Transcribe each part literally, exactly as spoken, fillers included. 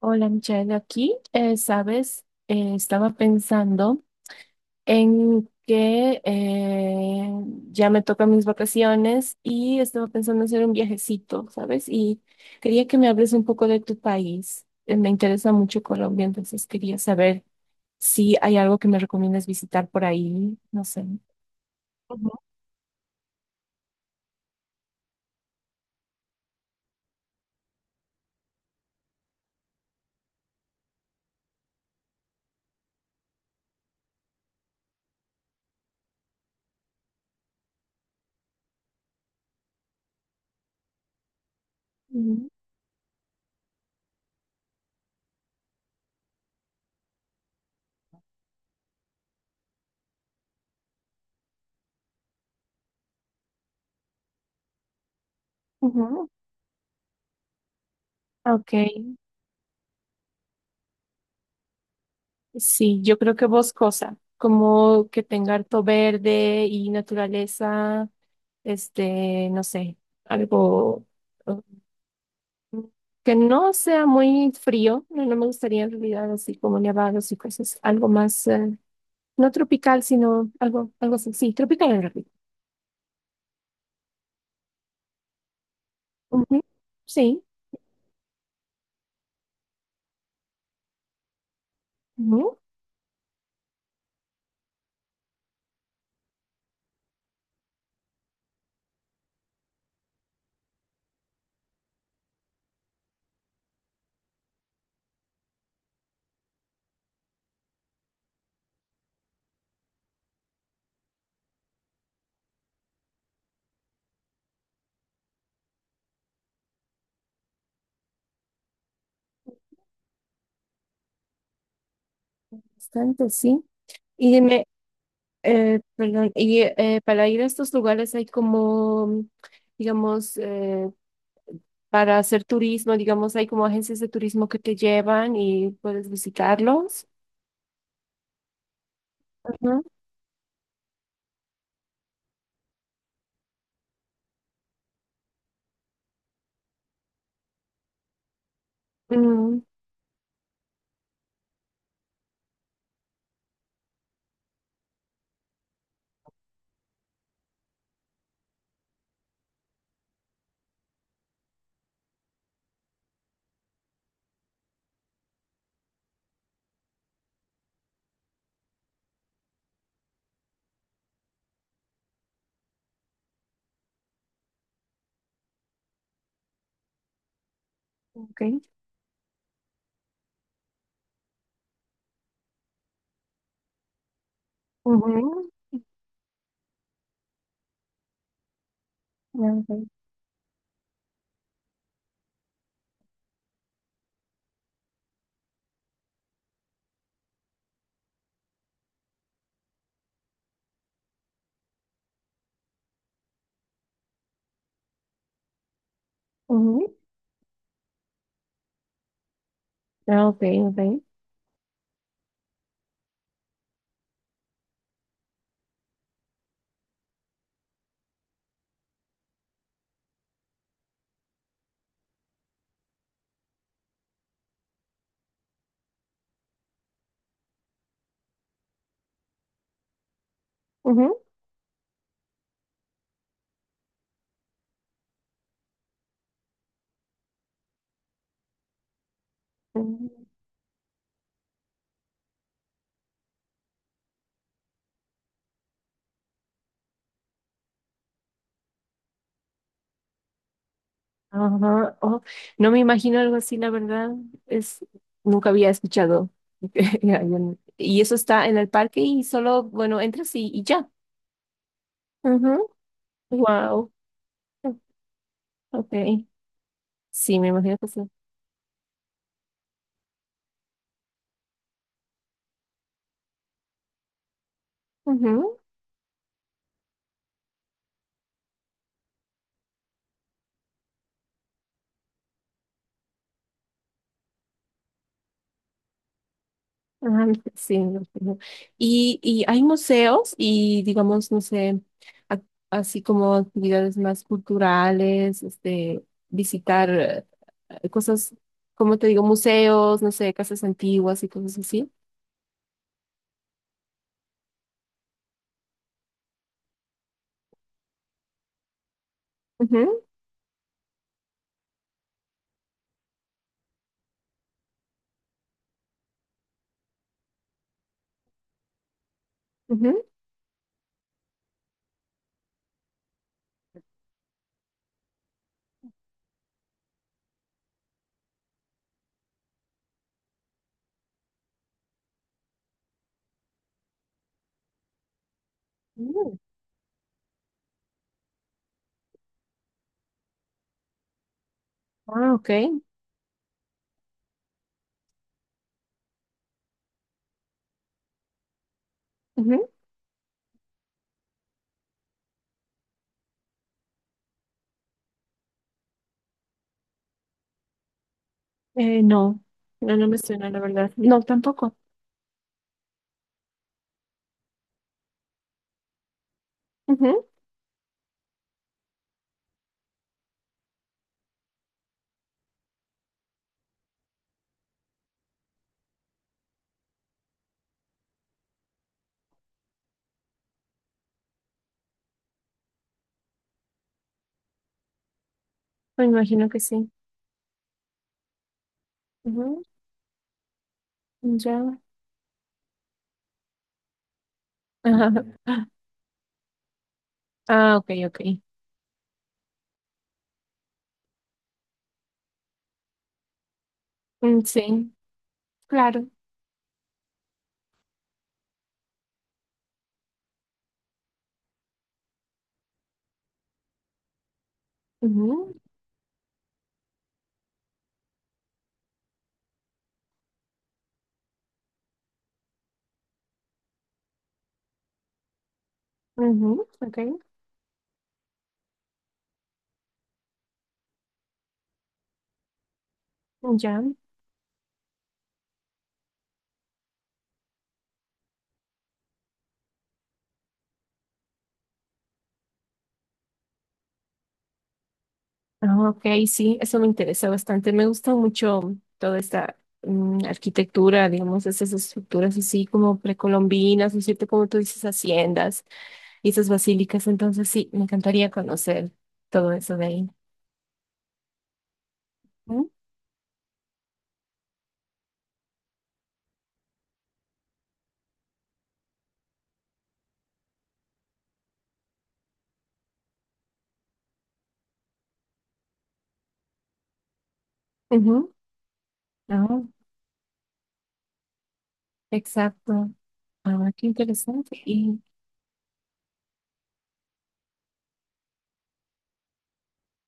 Hola Michelle, aquí, eh, sabes. Eh, estaba pensando en que eh, ya me tocan mis vacaciones y estaba pensando hacer un viajecito, ¿sabes? Y quería que me hables un poco de tu país. Eh, me interesa mucho Colombia, entonces quería saber si hay algo que me recomiendas visitar por ahí, no sé. Ujú. Ujú. Ujú. Ok, sí, yo creo que Boscosa, como que tenga harto verde y naturaleza. Este, no sé, algo mm, que no sea muy frío, no, no me gustaría en realidad así como nevados y cosas, algo más, eh, no tropical, sino algo, algo así, sí, tropical en realidad. Ujú. Sí. Ujú, bastante, sí. Y dime, eh, perdón, y eh, para ir a estos lugares hay como, digamos, eh, para hacer turismo, digamos, hay como agencias de turismo que te llevan y puedes visitarlos. Ujú, mm, ok. Ujú, ok, ujú, ah, ok, ok. Ujú. Ujú. Ajá, oh, no me imagino algo así, la verdad. Es, nunca había escuchado. Y eso está en el parque y solo, bueno, entras y, y ya. Wow. Ok. Sí, me imagino que sí. Ah, sí, no, no. No. Y, y hay museos y digamos, no sé, ac- así como actividades más culturales, este, visitar eh, eh, cosas, como te digo, museos, no sé, casas antiguas y cosas así. Ujú. Ujú. Mm, ah, ok. Ujú. Eh, no, no, no me suena, la verdad. No, tampoco. Ujú. Me imagino que sí. Ujú. Ya. Ah, ok, ok. Mm, sí, claro. Ujú, ok, ya. Ah, ok, sí, eso me interesa bastante. Me gusta mucho toda esta mm, arquitectura, digamos, esas estructuras así como precolombinas, ¿no es cierto? Como tú dices, haciendas y esas basílicas. Entonces, sí, me encantaría conocer todo eso de ahí. Ujú, ujú, ah, exacto. Ah, qué interesante. Y,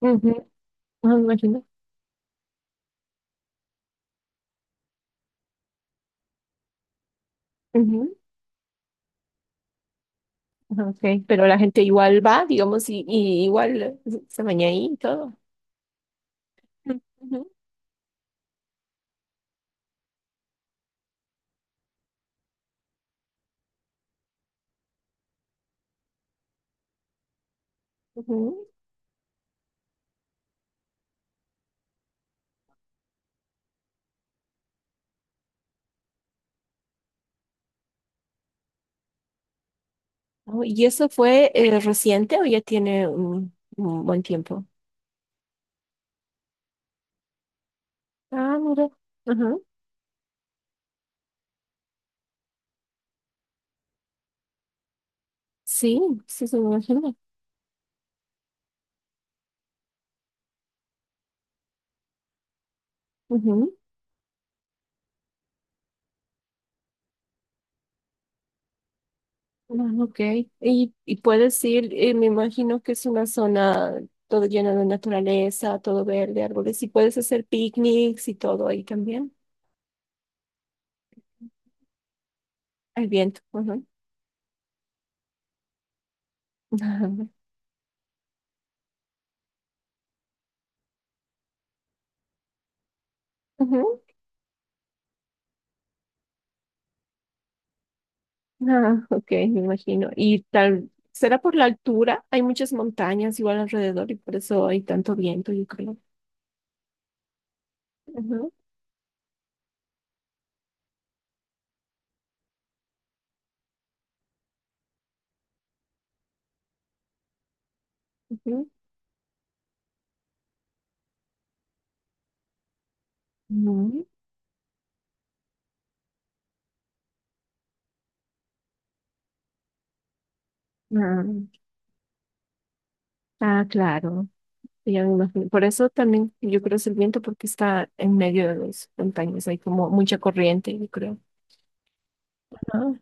ujú, ah, me imagino. Ujú, ah, ok, pero la gente igual va, digamos, y, y igual eh, se baña ahí y todo. Ujú. Ujú. Oh, ¿y eso fue eh, reciente o ya tiene un, un buen tiempo? Ah, mira. Ajá. Sí, sí, se me imagina. Ujú. Ah, ok. Y, y puedes ir, eh, me imagino que es una zona todo llena de naturaleza, todo verde, árboles, y puedes hacer picnics y todo ahí también. Al viento. Ajá. Ajá. Ujú. Ah, ok, me imagino. Y tal, será por la altura, hay muchas montañas igual alrededor y por eso hay tanto viento, yo creo. Ujú. Ujú. Ah, ah, claro. Ya me imagino. Por eso también yo creo es el viento, porque está en medio de las montañas. Hay como mucha corriente, yo creo. Ah,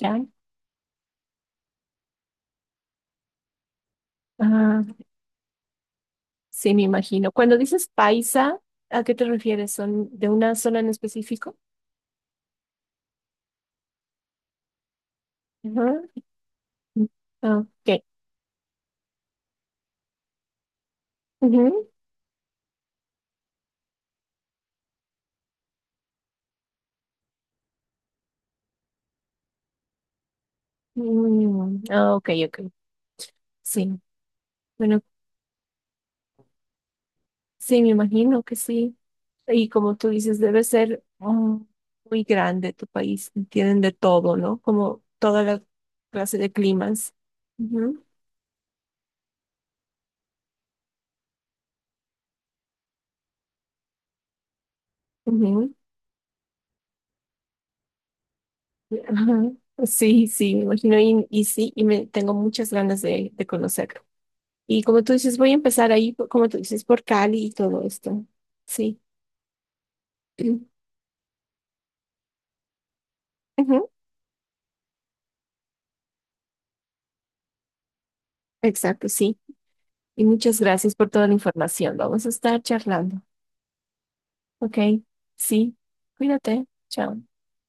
ya. Ah, sí, me imagino. Cuando dices paisa, ¿a qué te refieres? ¿Son de una zona en específico? Ajá. Ah, ok. Ujú. Mm, ah, ok, ok. Sí. Bueno, sí, me imagino que sí. Y como tú dices, debe ser mm, muy grande tu país. Y tienen de todo, ¿no? Como toda la clase de climas. Ujú, ujú, ajá. Sí, sí, me imagino. Y, y sí, y me tengo muchas ganas de, de conocerlo. Y como tú dices, voy a empezar ahí, por- como tú dices, por Cali y todo esto. Sí. Ujú. Exacto, sí. Y muchas gracias por toda la información. Vamos a estar charlando. Ok, sí. Cuídate. Chao.